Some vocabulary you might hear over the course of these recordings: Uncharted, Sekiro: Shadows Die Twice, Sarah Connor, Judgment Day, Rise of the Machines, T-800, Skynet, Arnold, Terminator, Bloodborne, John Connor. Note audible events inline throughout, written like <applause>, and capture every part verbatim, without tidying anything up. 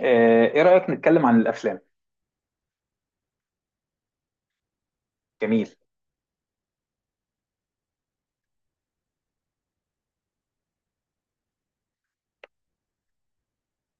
آه، ايه رأيك نتكلم عن الافلام. جميل.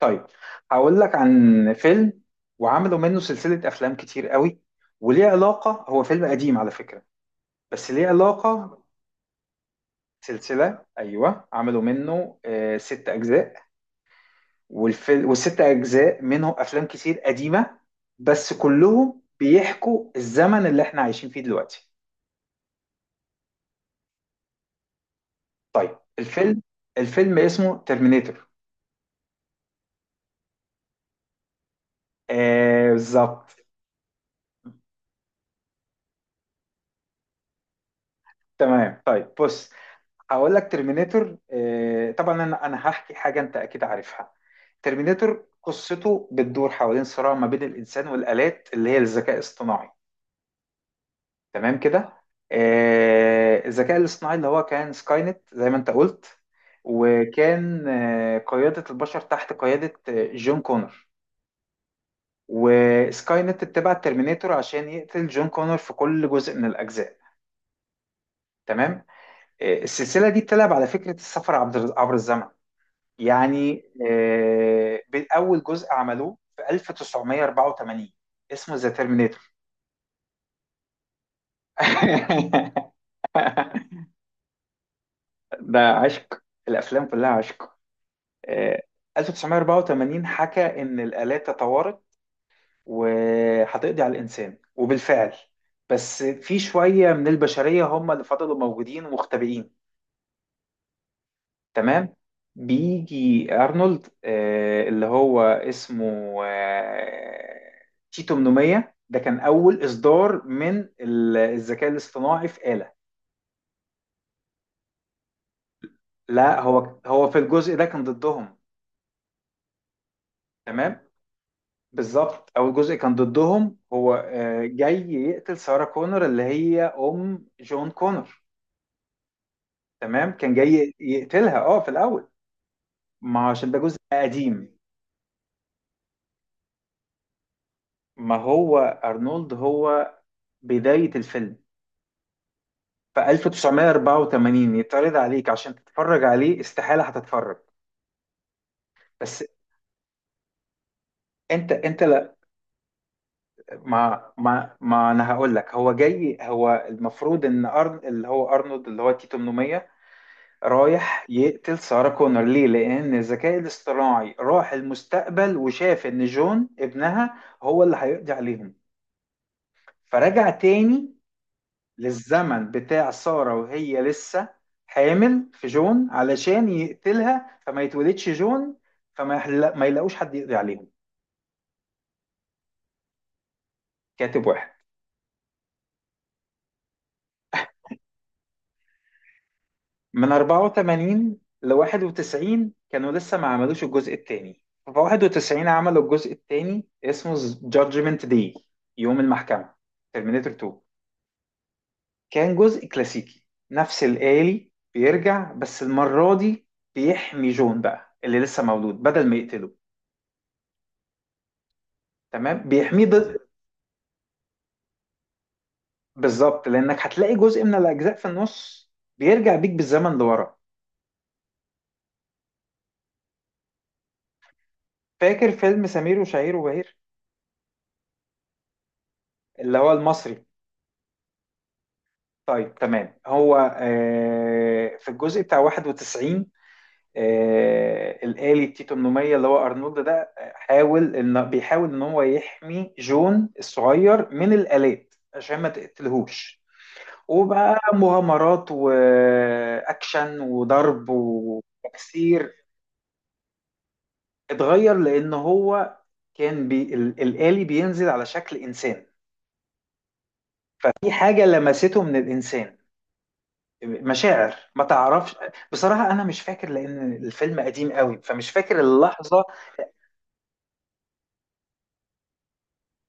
طيب هقول لك عن فيلم وعملوا منه سلسلة افلام كتير قوي وليه علاقة، هو فيلم قديم على فكرة. بس ليه علاقة. سلسلة، ايوه عملوا منه آه، ست اجزاء. والفيلم والست اجزاء منهم افلام كتير قديمة، بس كلهم بيحكوا الزمن اللي احنا عايشين فيه دلوقتي. طيب الفيلم، الفيلم اسمه ترمينيتور. آه بالظبط. تمام طيب بص، هقول لك ترمينيتور. آه، طبعا انا انا هحكي حاجه انت اكيد عارفها. ترمينيتور قصته بتدور حوالين صراع ما بين الانسان والالات اللي هي الذكاء الاصطناعي. تمام كده. آه، الذكاء الاصطناعي اللي هو كان سكاي نت زي ما انت قلت، وكان آه، قياده البشر تحت قياده آه، جون كونر. وسكاي نت اتبع الترمينيتور عشان يقتل جون كونر في كل جزء من الاجزاء. تمام. آه، السلسله دي بتلعب على فكره السفر عبر عبر الزمن، يعني. آه، أول جزء عملوه في ألف وتسعمية اربعة وتمانين، اسمه ذا ترمينيتور. <laughs> ده عشق، الأفلام كلها عشق. آه، ألف وتسعمية اربعة وتمانين حكى إن الآلات تطورت وهتقضي على الإنسان، وبالفعل بس في شوية من البشرية هم اللي فضلوا موجودين ومختبئين. تمام. بيجي ارنولد آه، اللي هو اسمه آه، تيتو تمنمية، ده كان اول اصدار من ال- الذكاء الاصطناعي في آلة. لا هو هو في الجزء ده كان ضدهم. تمام بالظبط، اول جزء كان ضدهم، هو آه، جاي يقتل سارة كونر اللي هي ام جون كونر. تمام كان جاي يقتلها اه في الاول. ما عشان ده جزء قديم. ما هو ارنولد، هو بداية الفيلم في ألف وتسعمية اربعة وتمانين يتعرض عليك عشان تتفرج عليه، استحالة هتتفرج. بس انت انت لا. ما ما ما انا هقول لك، هو جاي، هو المفروض ان أرن اللي هو ارنولد اللي هو تي تمنمية رايح يقتل سارة كونر ليه؟ لان الذكاء الاصطناعي راح المستقبل وشاف ان جون ابنها هو اللي هيقضي عليهم، فرجع تاني للزمن بتاع سارة وهي لسه حامل في جون علشان يقتلها فما يتولدش جون، فما يحل- ما يلاقوش حد يقضي عليهم. كاتب واحد. من اربعة وتمانين ل واحد وتسعين كانوا لسه ما عملوش الجزء الثاني. في واحد وتسعين عملوا الجزء الثاني اسمه Judgment Day، يوم المحكمة، ترمينيتور تو. كان جزء كلاسيكي. نفس الآلي بيرجع، بس المرة دي بيحمي جون بقى اللي لسه مولود بدل ما يقتله. تمام بيحميه ضد. بالظبط، لانك هتلاقي جزء من الاجزاء في النص بيرجع بيك بالزمن لورا. فاكر فيلم سمير وشهير وبهير، اللي هو المصري. طيب تمام، هو آه، في الجزء بتاع واحد وتسعين، آه، الآلي التي تمنمية اللي هو ارنولد ده، آه، حاول ان بيحاول ان هو يحمي جون الصغير من الآلات عشان ما تقتلهوش، وبقى مغامرات واكشن وضرب وتكسير. اتغير لان هو كان بي ال- الآلي بينزل على شكل انسان، ففي حاجة لمسته من الانسان، مشاعر ما تعرفش. بصراحة انا مش فاكر لان الفيلم قديم قوي، فمش فاكر اللحظة.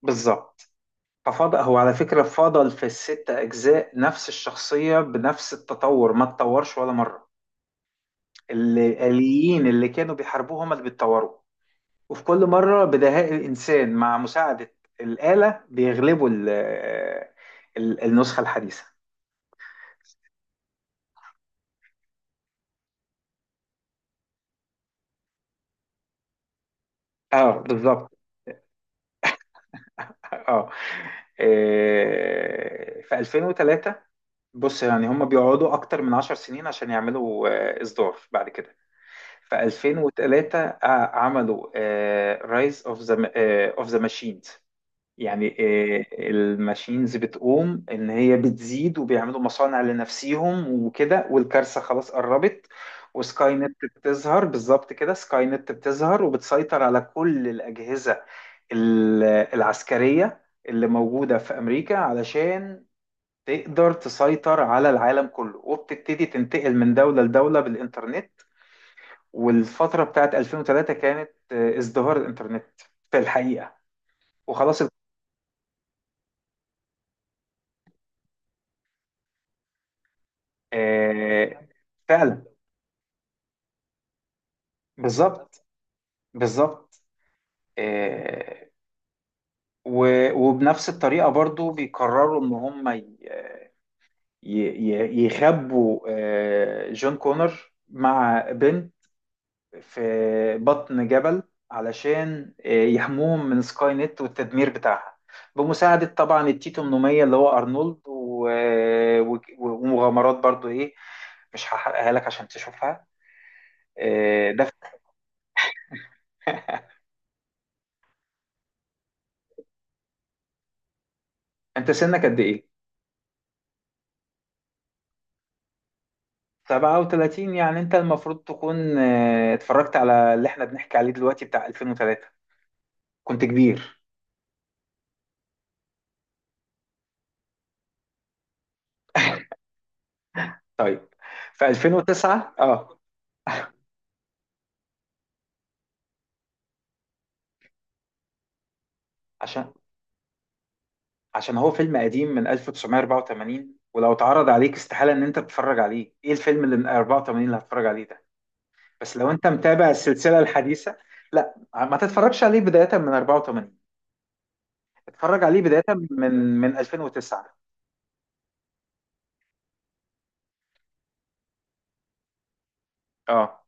بالظبط. ففضل هو على فكرة فضل في الست اجزاء نفس الشخصية بنفس التطور، ما اتطورش ولا مرة. الآليين اللي كانوا بيحاربوه هما اللي بيتطوروا، وفي كل مرة بدهاء الإنسان مع مساعدة الآلة بيغلبوا ال- ال- النسخة الحديثة. اه بالظبط. اه. آه، في ألفين وتلاتة، بص يعني هم بيقعدوا اكتر من عشر سنين عشان يعملوا آه، اصدار بعد كده. في ألفين وثلاثة آه، عملوا رايز اوف ذا، اوف ذا ماشينز، يعني. آه، الماشينز بتقوم ان هي بتزيد وبيعملوا مصانع لنفسيهم وكده، والكارثه خلاص قربت، وسكاي نت بتظهر. بالظبط كده، سكاي نت بتظهر وبتسيطر على كل الاجهزه ال- العسكريه اللي موجوده في امريكا، علشان تقدر تسيطر على العالم كله، وبتبتدي تنتقل من دوله لدوله بالانترنت. والفتره بتاعت ألفين وثلاثة كانت آه، ازدهار الانترنت في الحقيقه، وخلاص. آه، فعلا. بالظبط بالظبط. آه، و- وبنفس الطريقة برضو بيقرروا ان هم ي- ي- ي- يخبوا آه، جون كونر مع بنت في بطن جبل علشان آه، يحموهم من سكاي نت والتدمير بتاعها، بمساعدة طبعا التيتو منومية اللي هو أرنولد و- و- ومغامرات برضو ايه. مش هحرقها لك عشان تشوفها. آه، ده. <laughs> انت سنك قد ايه؟ سبعة وثلاثين، يعني انت المفروض تكون آه، اتفرجت على اللي احنا بنحكي عليه دلوقتي بتاع ألفين وثلاثة، كنت كبير. طيب في ألفين وتسعة اه. عشان، عشان هو فيلم قديم من ألف وتسعمية اربعة وتمانين، ولو اتعرض عليك استحالة ان انت تتفرج عليه. ايه الفيلم اللي من اربعة وتمانين اللي هتتفرج عليه ده؟ بس لو انت متابع السلسلة الحديثة، لا ما تتفرجش عليه بداية من اربعة وثمانين، اتفرج عليه بداية من، من ألفين وتسعة. اه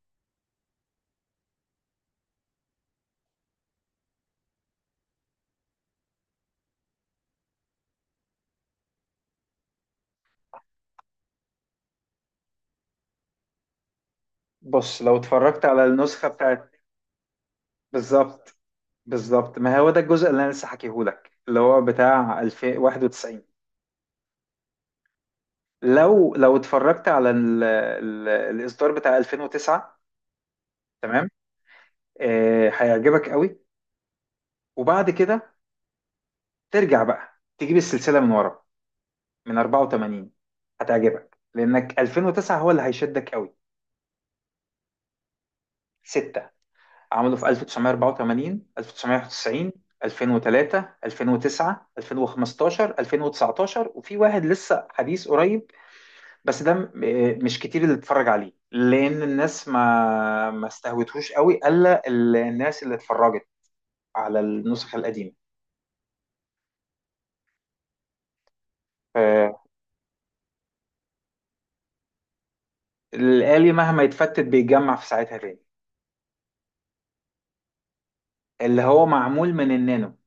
بص، لو اتفرجت على النسخة بتاعت. بالظبط بالظبط، ما هو ده الجزء اللي انا لسه حكيهولك اللي هو بتاع ألفين واحدى وتسعين. لو لو اتفرجت على ال ال الاصدار بتاع ألفين وتسعة، تمام، آه هيعجبك قوي. وبعد كده ترجع بقى تجيب السلسله من ورا، من اربعة وتمانين، هتعجبك لانك ألفين وتسعة هو اللي هيشدك قوي. سته. عملوا في ألف وتسعمية اربعة وتمانين، ألف وتسعمية واحد وتسعين، ألفين وتلاتة، ألفين وتسعة، ألفين وخمستاشر، ألفين وتسعتاشر، وفي واحد لسه حديث قريب، بس ده م- آه، مش كتير اللي اتفرج عليه لان الناس ما ما استهوتهوش قوي، الا ال- الناس اللي اتفرجت على النسخ القديمه. فالآلي مهما يتفتت بيتجمع في ساعتها تاني، اللي هو معمول من النانو.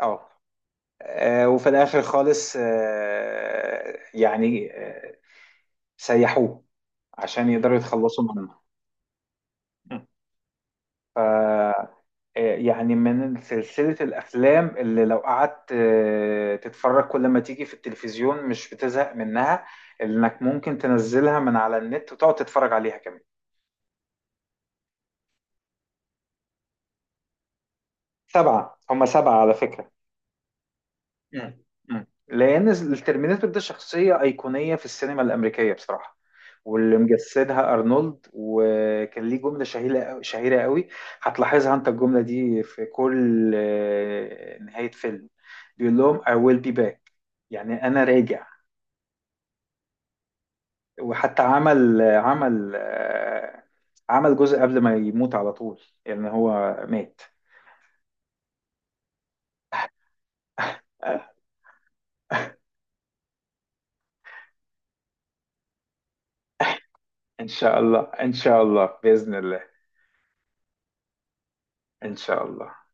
اه. آه، وفي الاخر خالص، آه، يعني آه، سيحوه عشان يقدروا يتخلصوا منه. ف، آه، يعني من سلسلة الأفلام اللي لو قعدت آه، تتفرج كل ما تيجي في التلفزيون مش بتزهق منها، اللي إنك ممكن تنزلها من على النت وتقعد تتفرج عليها كمان. سبعة، هما سبعة على فكرة. مم. مم. لان الترمينيتور ده شخصيه ايقونيه في السينما الامريكيه بصراحه، واللي مجسدها ارنولد. وكان ليه جمله شهيره شهيره قوي، هتلاحظها انت الجمله دي في كل آه، نهايه فيلم، بيقول لهم I will be back، يعني انا راجع. وحتى عمل عمل آه، عمل جزء قبل ما يموت على طول، يعني هو مات. آه، ان شاء الله ان شاء الله باذن الله ان شاء الله.